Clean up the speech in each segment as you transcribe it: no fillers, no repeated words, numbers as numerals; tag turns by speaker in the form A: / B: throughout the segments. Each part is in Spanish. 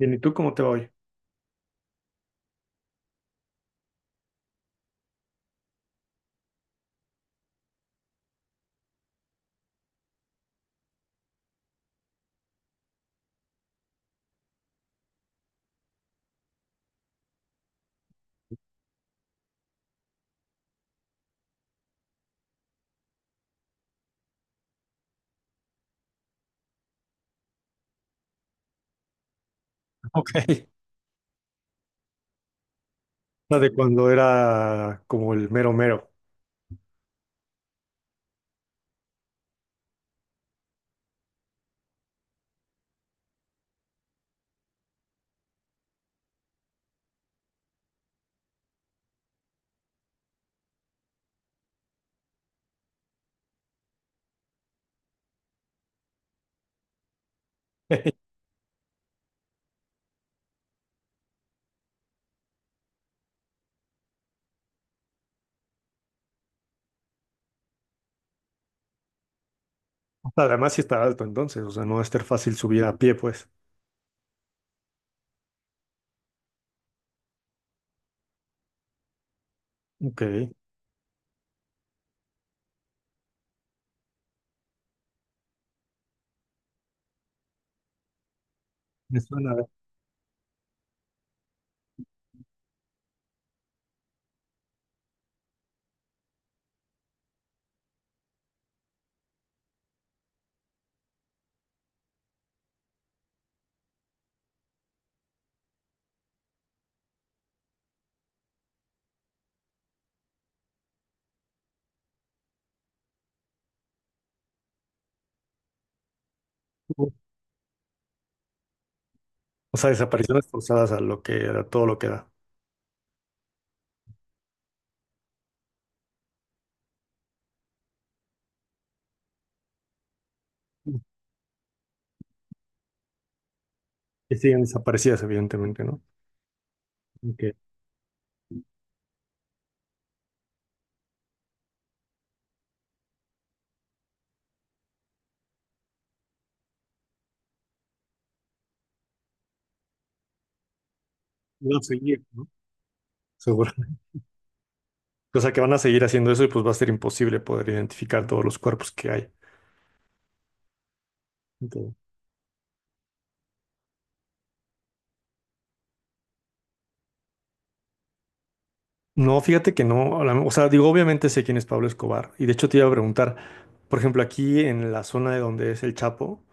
A: Bien, ¿y tú cómo te va hoy? Ok. La de cuando era como el mero mero. Además, sí está alto entonces, o sea, no va a estar fácil subir a pie, pues. Ok. Me suena. O sea, desapariciones forzadas a lo que a todo lo que da. Que siguen desaparecidas, evidentemente, ¿no? Aunque van a seguir, ¿no? Seguro. O sea, que van a seguir haciendo eso y pues va a ser imposible poder identificar todos los cuerpos que hay. Ok. No, fíjate que no, a la- o sea, digo, obviamente sé quién es Pablo Escobar, y de hecho te iba a preguntar, por ejemplo, aquí en la zona de donde es el Chapo,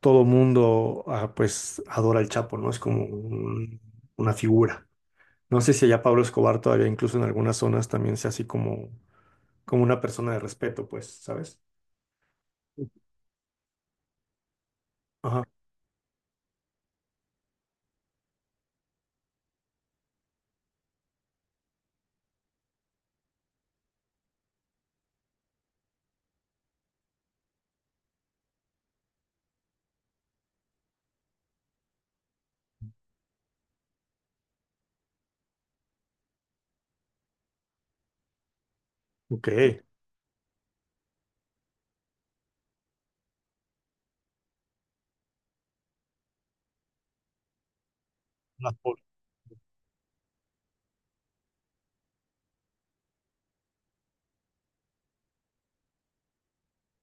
A: todo mundo, ah, pues, adora al Chapo, ¿no? Es como un- una figura. No sé si allá Pablo Escobar todavía, incluso en algunas zonas, también sea así como, como una persona de respeto, pues, ¿sabes? Ajá, ok.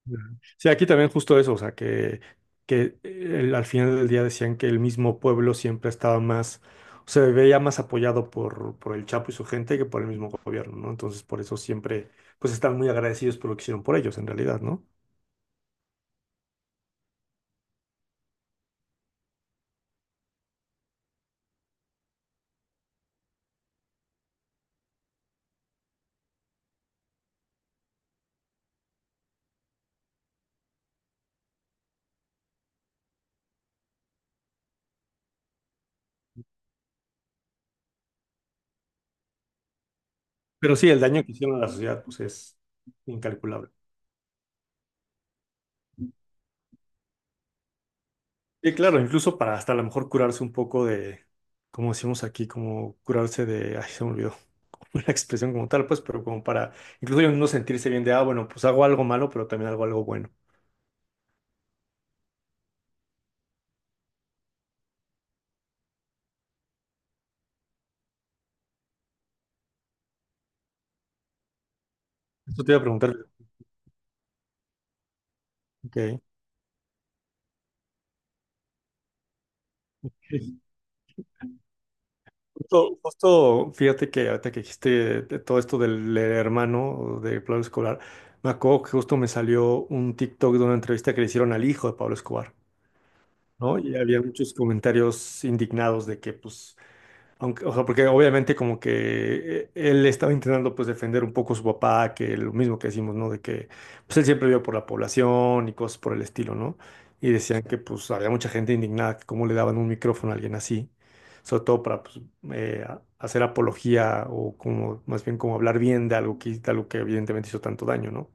A: Ujú. Sí, aquí también justo eso, o sea, que al final del día decían que el mismo pueblo siempre estaba más, se veía más apoyado por el Chapo y su gente que por el mismo gobierno, ¿no? Entonces, por eso siempre, pues están muy agradecidos por lo que hicieron por ellos, en realidad, ¿no? Pero sí, el daño que hicieron a la sociedad, pues es incalculable. Sí, claro, incluso para hasta a lo mejor curarse un poco de, como decimos aquí, como curarse de, ay, se me olvidó la expresión como tal, pues, pero como para incluso ellos no sentirse bien de, ah, bueno, pues hago algo malo, pero también hago algo bueno. Eso te iba a preguntar. Ok. Justo, justo, fíjate que ahorita que dijiste de todo esto del hermano de Pablo Escobar, me acuerdo que justo me salió un TikTok de una entrevista que le hicieron al hijo de Pablo Escobar, ¿no? Y había muchos comentarios indignados de que, pues, aunque, o sea, porque obviamente como que él estaba intentando pues defender un poco a su papá, que lo mismo que decimos, ¿no? De que pues él siempre vio por la población y cosas por el estilo, ¿no? Y decían que pues había mucha gente indignada, que cómo le daban un micrófono a alguien así, sobre todo para pues, a- hacer apología o como más bien como hablar bien de algo que evidentemente hizo tanto daño, ¿no?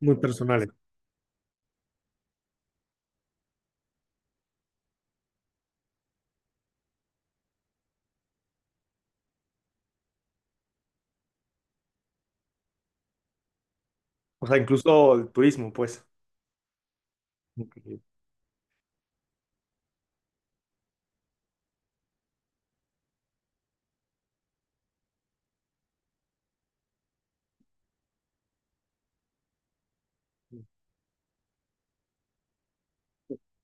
A: Muy personales. O sea, incluso el turismo, pues. Ok.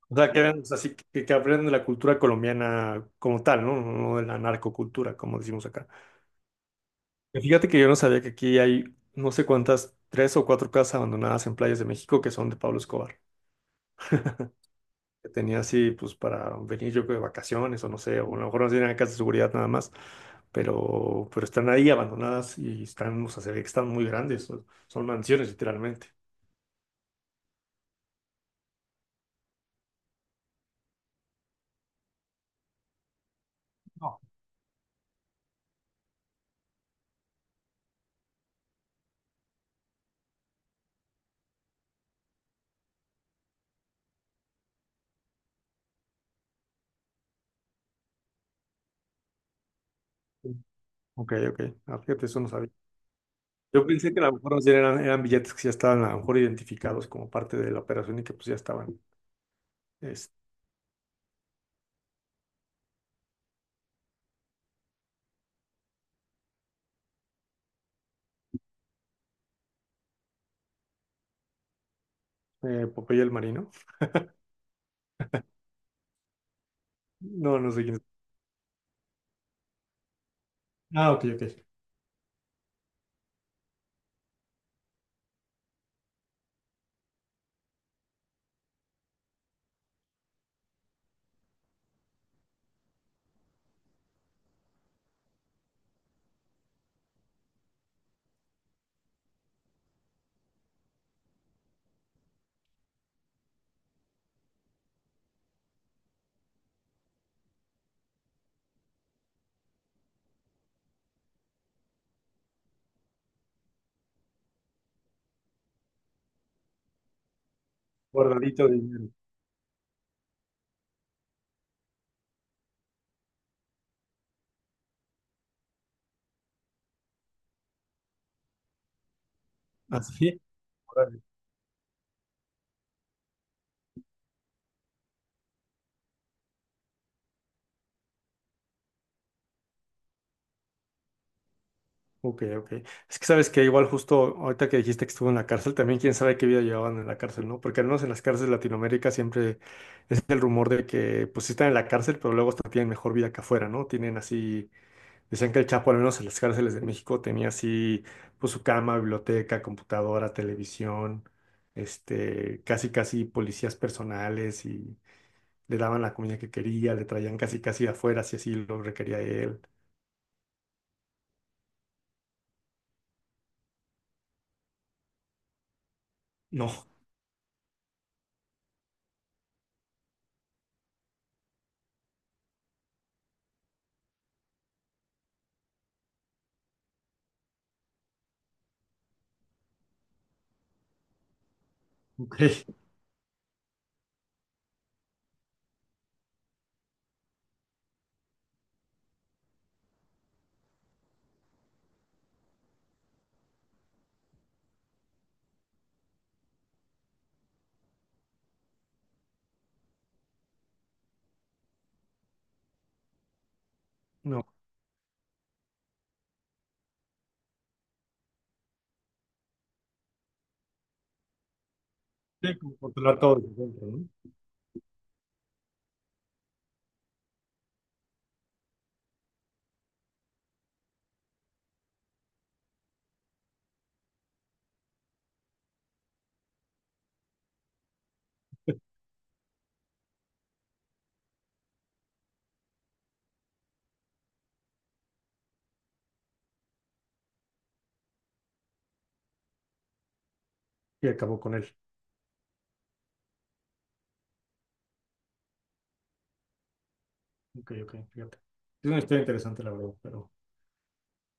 A: O sea, que vean, o sea, sí que aprendan de la cultura colombiana como tal, ¿no? No de la narcocultura, como decimos acá. Y fíjate que yo no sabía que aquí hay no sé cuántas, tres o cuatro casas abandonadas en playas de México que son de Pablo Escobar. Que tenía así, pues, para venir yo creo de vacaciones o no sé, o a lo mejor no tienen acá de seguridad nada más, pero están ahí abandonadas y están, o sea, se ve que están muy grandes, son, son mansiones literalmente. Ok, ok. Ah, fíjate, eso no sabía. Yo pensé que a lo mejor más bien eran, eran billetes que ya estaban a lo mejor identificados como parte de la operación y que pues ya estaban. Este, Popeye el Marino. No, no sé quién es. Ah, ok, ok. Guardadito de dinero. Así. Órale. Ok, ok. Es que sabes que igual justo ahorita que dijiste que estuvo en la cárcel, también quién sabe qué vida llevaban en la cárcel, ¿no? Porque al menos en las cárceles de Latinoamérica siempre es el rumor de que pues sí están en la cárcel, pero luego hasta tienen mejor vida que afuera, ¿no? Tienen así decían que el Chapo, al menos en las cárceles de México, tenía así, pues su cama, biblioteca, computadora, televisión, este, casi casi policías personales y le daban la comida que quería, le traían casi casi de afuera si así lo requería él. No. Ok. No. Sí, como controlar no todo desde dentro, ¿no? Y acabó con él. Ok, ok, fíjate. Es una historia interesante, la verdad, pero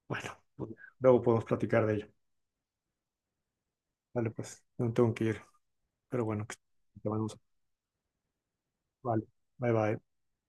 A: bueno, pues, luego podemos platicar de ello. Vale, pues, no tengo que ir, pero bueno, que te mando un saludo. Vale. Bye bye.